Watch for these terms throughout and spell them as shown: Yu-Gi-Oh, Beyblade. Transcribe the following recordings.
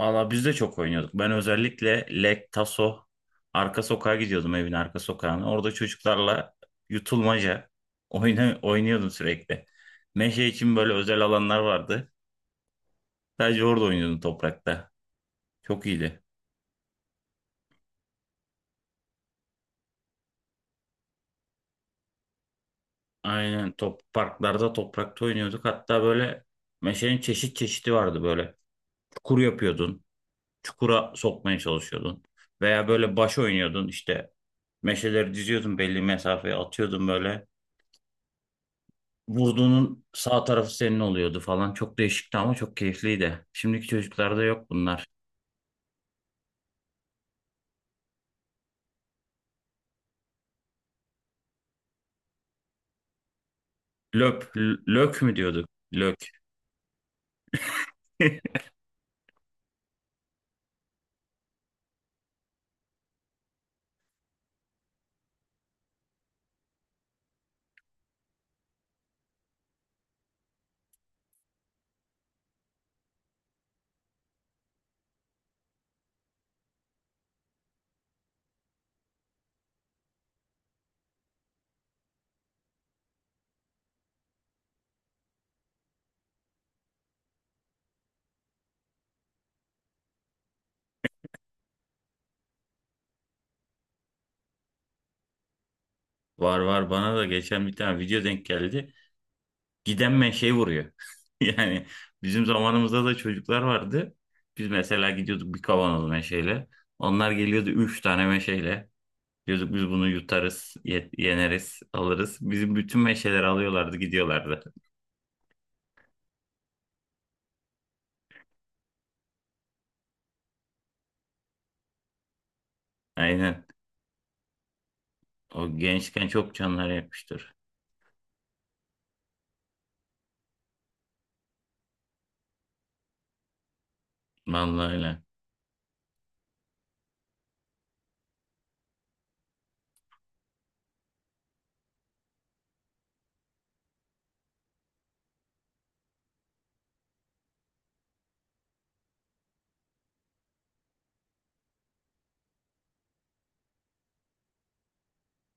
Valla biz de çok oynuyorduk. Ben özellikle Lek, Taso, arka sokağa gidiyordum evin arka sokağına. Orada çocuklarla yutulmaca oynuyordum sürekli. Meşe için böyle özel alanlar vardı. Sadece orada oynuyordum toprakta. Çok iyiydi. Aynen, top parklarda toprakta oynuyorduk. Hatta böyle meşenin çeşit çeşidi vardı böyle. Çukur yapıyordun. Çukura sokmaya çalışıyordun. Veya böyle baş oynuyordun işte. Meşeleri diziyordun, belli mesafeye atıyordun böyle. Vurduğunun sağ tarafı senin oluyordu falan. Çok değişikti ama çok keyifliydi. Şimdiki çocuklarda yok bunlar. Löp, lök mü diyorduk? Lök. Var var, bana da geçen bir tane video denk geldi. Giden menşeyi vuruyor. Yani bizim zamanımızda da çocuklar vardı. Biz mesela gidiyorduk bir kavanoz meşeyle. Onlar geliyordu üç tane meşeyle. Diyorduk biz bunu yutarız, yeneriz, alırız. Bizim bütün meşeleri alıyorlardı, gidiyorlardı. Aynen. O gençken çok canlar yakmıştır. Vallahi öyle.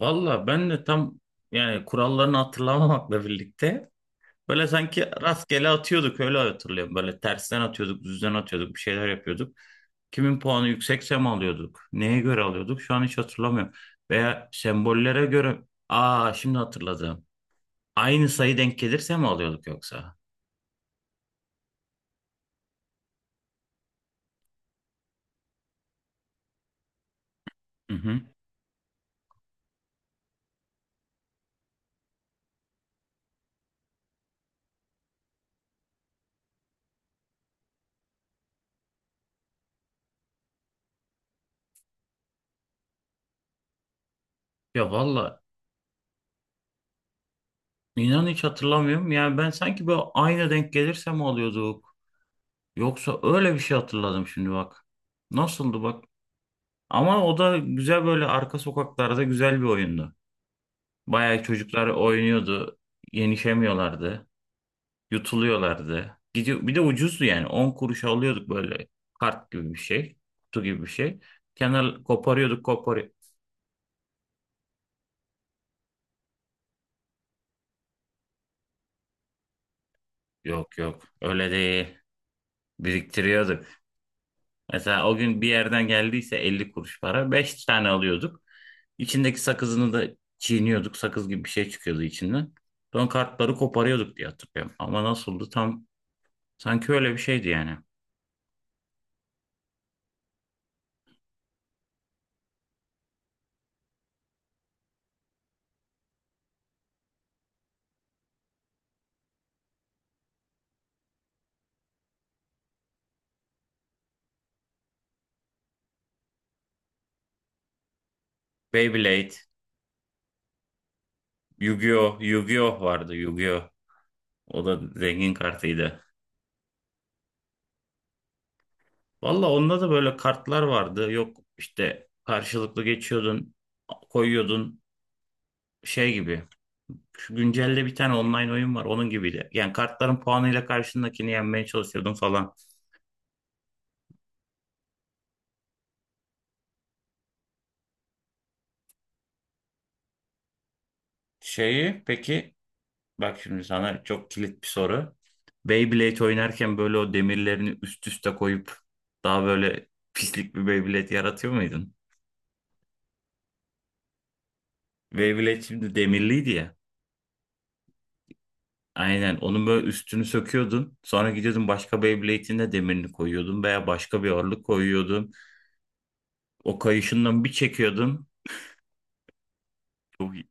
Valla ben de tam, yani kurallarını hatırlamamakla birlikte, böyle sanki rastgele atıyorduk, öyle hatırlıyorum. Böyle tersten atıyorduk, düzden atıyorduk, bir şeyler yapıyorduk. Kimin puanı yüksekse mi alıyorduk? Neye göre alıyorduk? Şu an hiç hatırlamıyorum. Veya sembollere göre, aa şimdi hatırladım. Aynı sayı denk gelirse mi alıyorduk yoksa? Hı hı. Ya valla, inan hiç hatırlamıyorum. Yani ben sanki böyle aynı denk gelirse mi alıyorduk? Yoksa öyle bir şey hatırladım şimdi bak. Nasıldı bak? Ama o da güzel, böyle arka sokaklarda güzel bir oyundu. Bayağı çocuklar oynuyordu. Yenişemiyorlardı. Yutuluyorlardı. Gidiyor, bir de ucuzdu yani. 10 kuruşa alıyorduk böyle kart gibi bir şey. Kutu gibi bir şey. Kenar koparıyorduk kopar. Yok yok, öyle değil. Biriktiriyorduk. Mesela o gün bir yerden geldiyse 50 kuruş para, 5 tane alıyorduk. İçindeki sakızını da çiğniyorduk. Sakız gibi bir şey çıkıyordu içinden. Sonra kartları koparıyorduk diye hatırlıyorum. Ama nasıldı tam? Sanki öyle bir şeydi yani. Beyblade, Yu-Gi-Oh, Yu-Gi-Oh vardı, Yu-Gi-Oh. O da zengin kartıydı. Valla onda da böyle kartlar vardı. Yok işte, karşılıklı geçiyordun, koyuyordun şey gibi. Şu güncelde bir tane online oyun var, onun gibiydi. Yani kartların puanıyla karşındakini yenmeye çalışıyordun falan. Şeyi peki, bak şimdi sana çok kilit bir soru. Beyblade oynarken böyle o demirlerini üst üste koyup daha böyle pislik bir Beyblade yaratıyor muydun? Beyblade şimdi demirliydi ya. Aynen. Onun böyle üstünü söküyordun. Sonra gidiyordun başka Beyblade'in de demirini koyuyordun veya başka bir ağırlık koyuyordun. O kayışından bir çekiyordun. Çok iyi.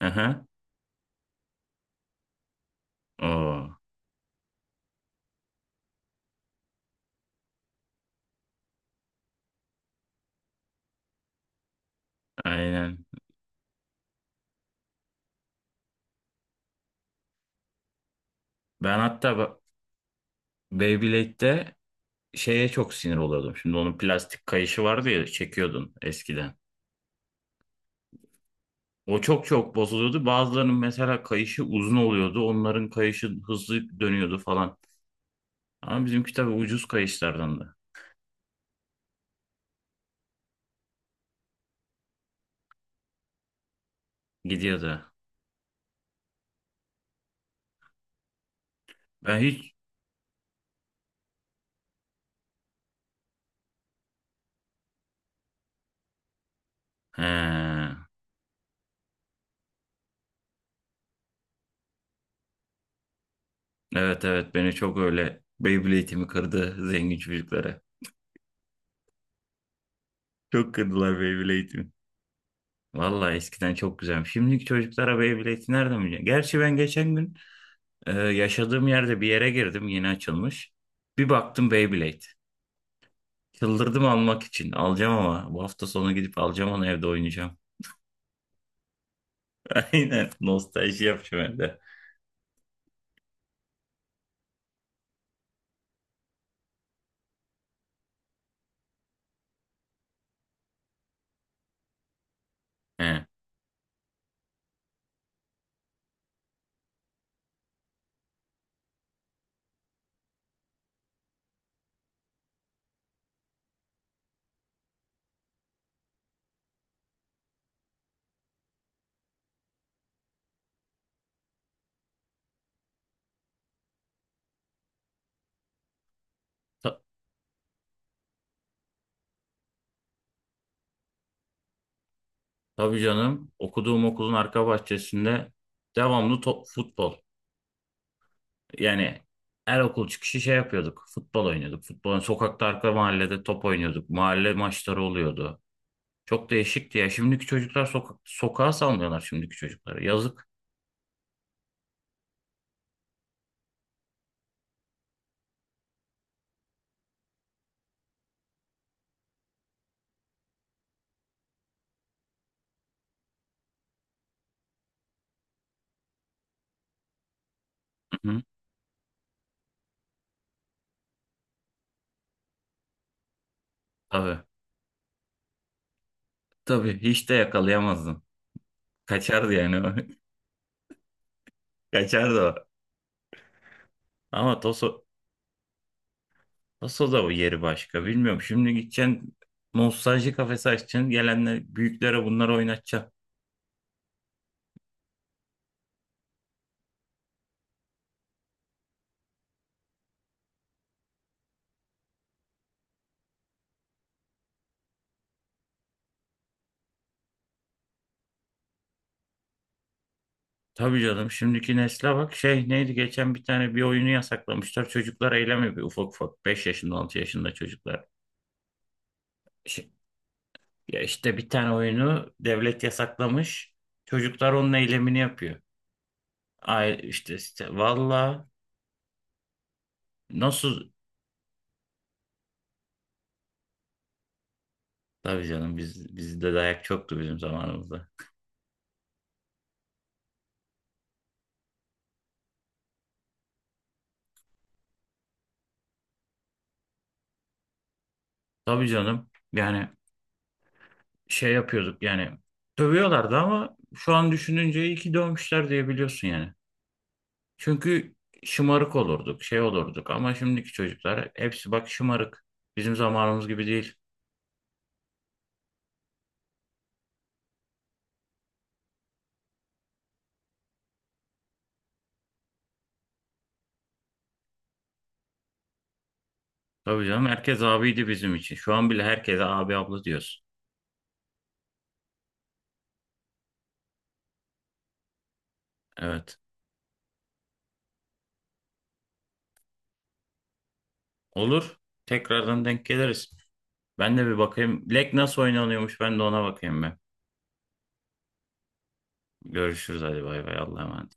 Aha. Oo, aynen. Ben hatta ba- Beyblade'de şeye çok sinir oluyordum. Şimdi onun plastik kayışı vardı ya, çekiyordun eskiden. O çok çok bozuluyordu. Bazılarının mesela kayışı uzun oluyordu. Onların kayışı hızlı dönüyordu falan. Ama bizimki tabii ucuz kayışlardan da gidiyordu. Ben hiç... He. Evet evet, beni çok öyle, Beyblade'imi kırdı zengin çocuklara. Çok kırdılar Beyblade'imi. Vallahi eskiden çok güzelmiş. Şimdiki çocuklara Beyblade'i nereden bilecek? Gerçi ben geçen gün yaşadığım yerde bir yere girdim, yeni açılmış. Bir baktım, Beyblade. Çıldırdım almak için. Alacağım, ama bu hafta sonu gidip alacağım, onu evde oynayacağım. Aynen, nostalji yapacağım evde. He. Ta- tabii canım, okuduğum okulun arka bahçesinde devamlı top, futbol. Yani her okul çıkışı şey yapıyorduk. Futbol oynuyorduk. Futbol, sokakta, arka mahallede top oynuyorduk. Mahalle maçları oluyordu. Çok değişikti ya. Şimdiki çocuklar sokak, sokağa salmıyorlar şimdiki çocukları. Yazık. Hı hı. Tabii. Tabii. Hiç de yakalayamazdın. Kaçardı yani. O. Kaçardı o. Ama Toso, Toso da bu yeri başka. Bilmiyorum. Şimdi gideceksin, nostalji kafesi açacaksın. Gelenler büyüklere bunları oynatacaksın. Tabii canım, şimdiki nesle bak, şey neydi, geçen bir tane bir oyunu yasaklamışlar, çocuklar eylemi, bir ufak ufak 5 yaşında 6 yaşında çocuklar, Şi- ya işte bir tane oyunu devlet yasaklamış, çocuklar onun eylemini yapıyor. Ay, işte, işte valla, nasıl, tabii canım, biz bizde dayak çoktu bizim zamanımızda. Tabii canım yani, şey yapıyorduk yani, dövüyorlardı ama şu an düşününce iyi ki dövmüşler diye biliyorsun yani. Çünkü şımarık olurduk, şey olurduk ama şimdiki çocuklar hepsi bak şımarık. Bizim zamanımız gibi değil. Tabii canım, herkes abiydi bizim için. Şu an bile herkese abi abla diyoruz. Evet. Olur. Tekrardan denk geliriz. Ben de bir bakayım. Lek nasıl oynanıyormuş, ben de ona bakayım ben. Görüşürüz, hadi bay bay, Allah'a emanet.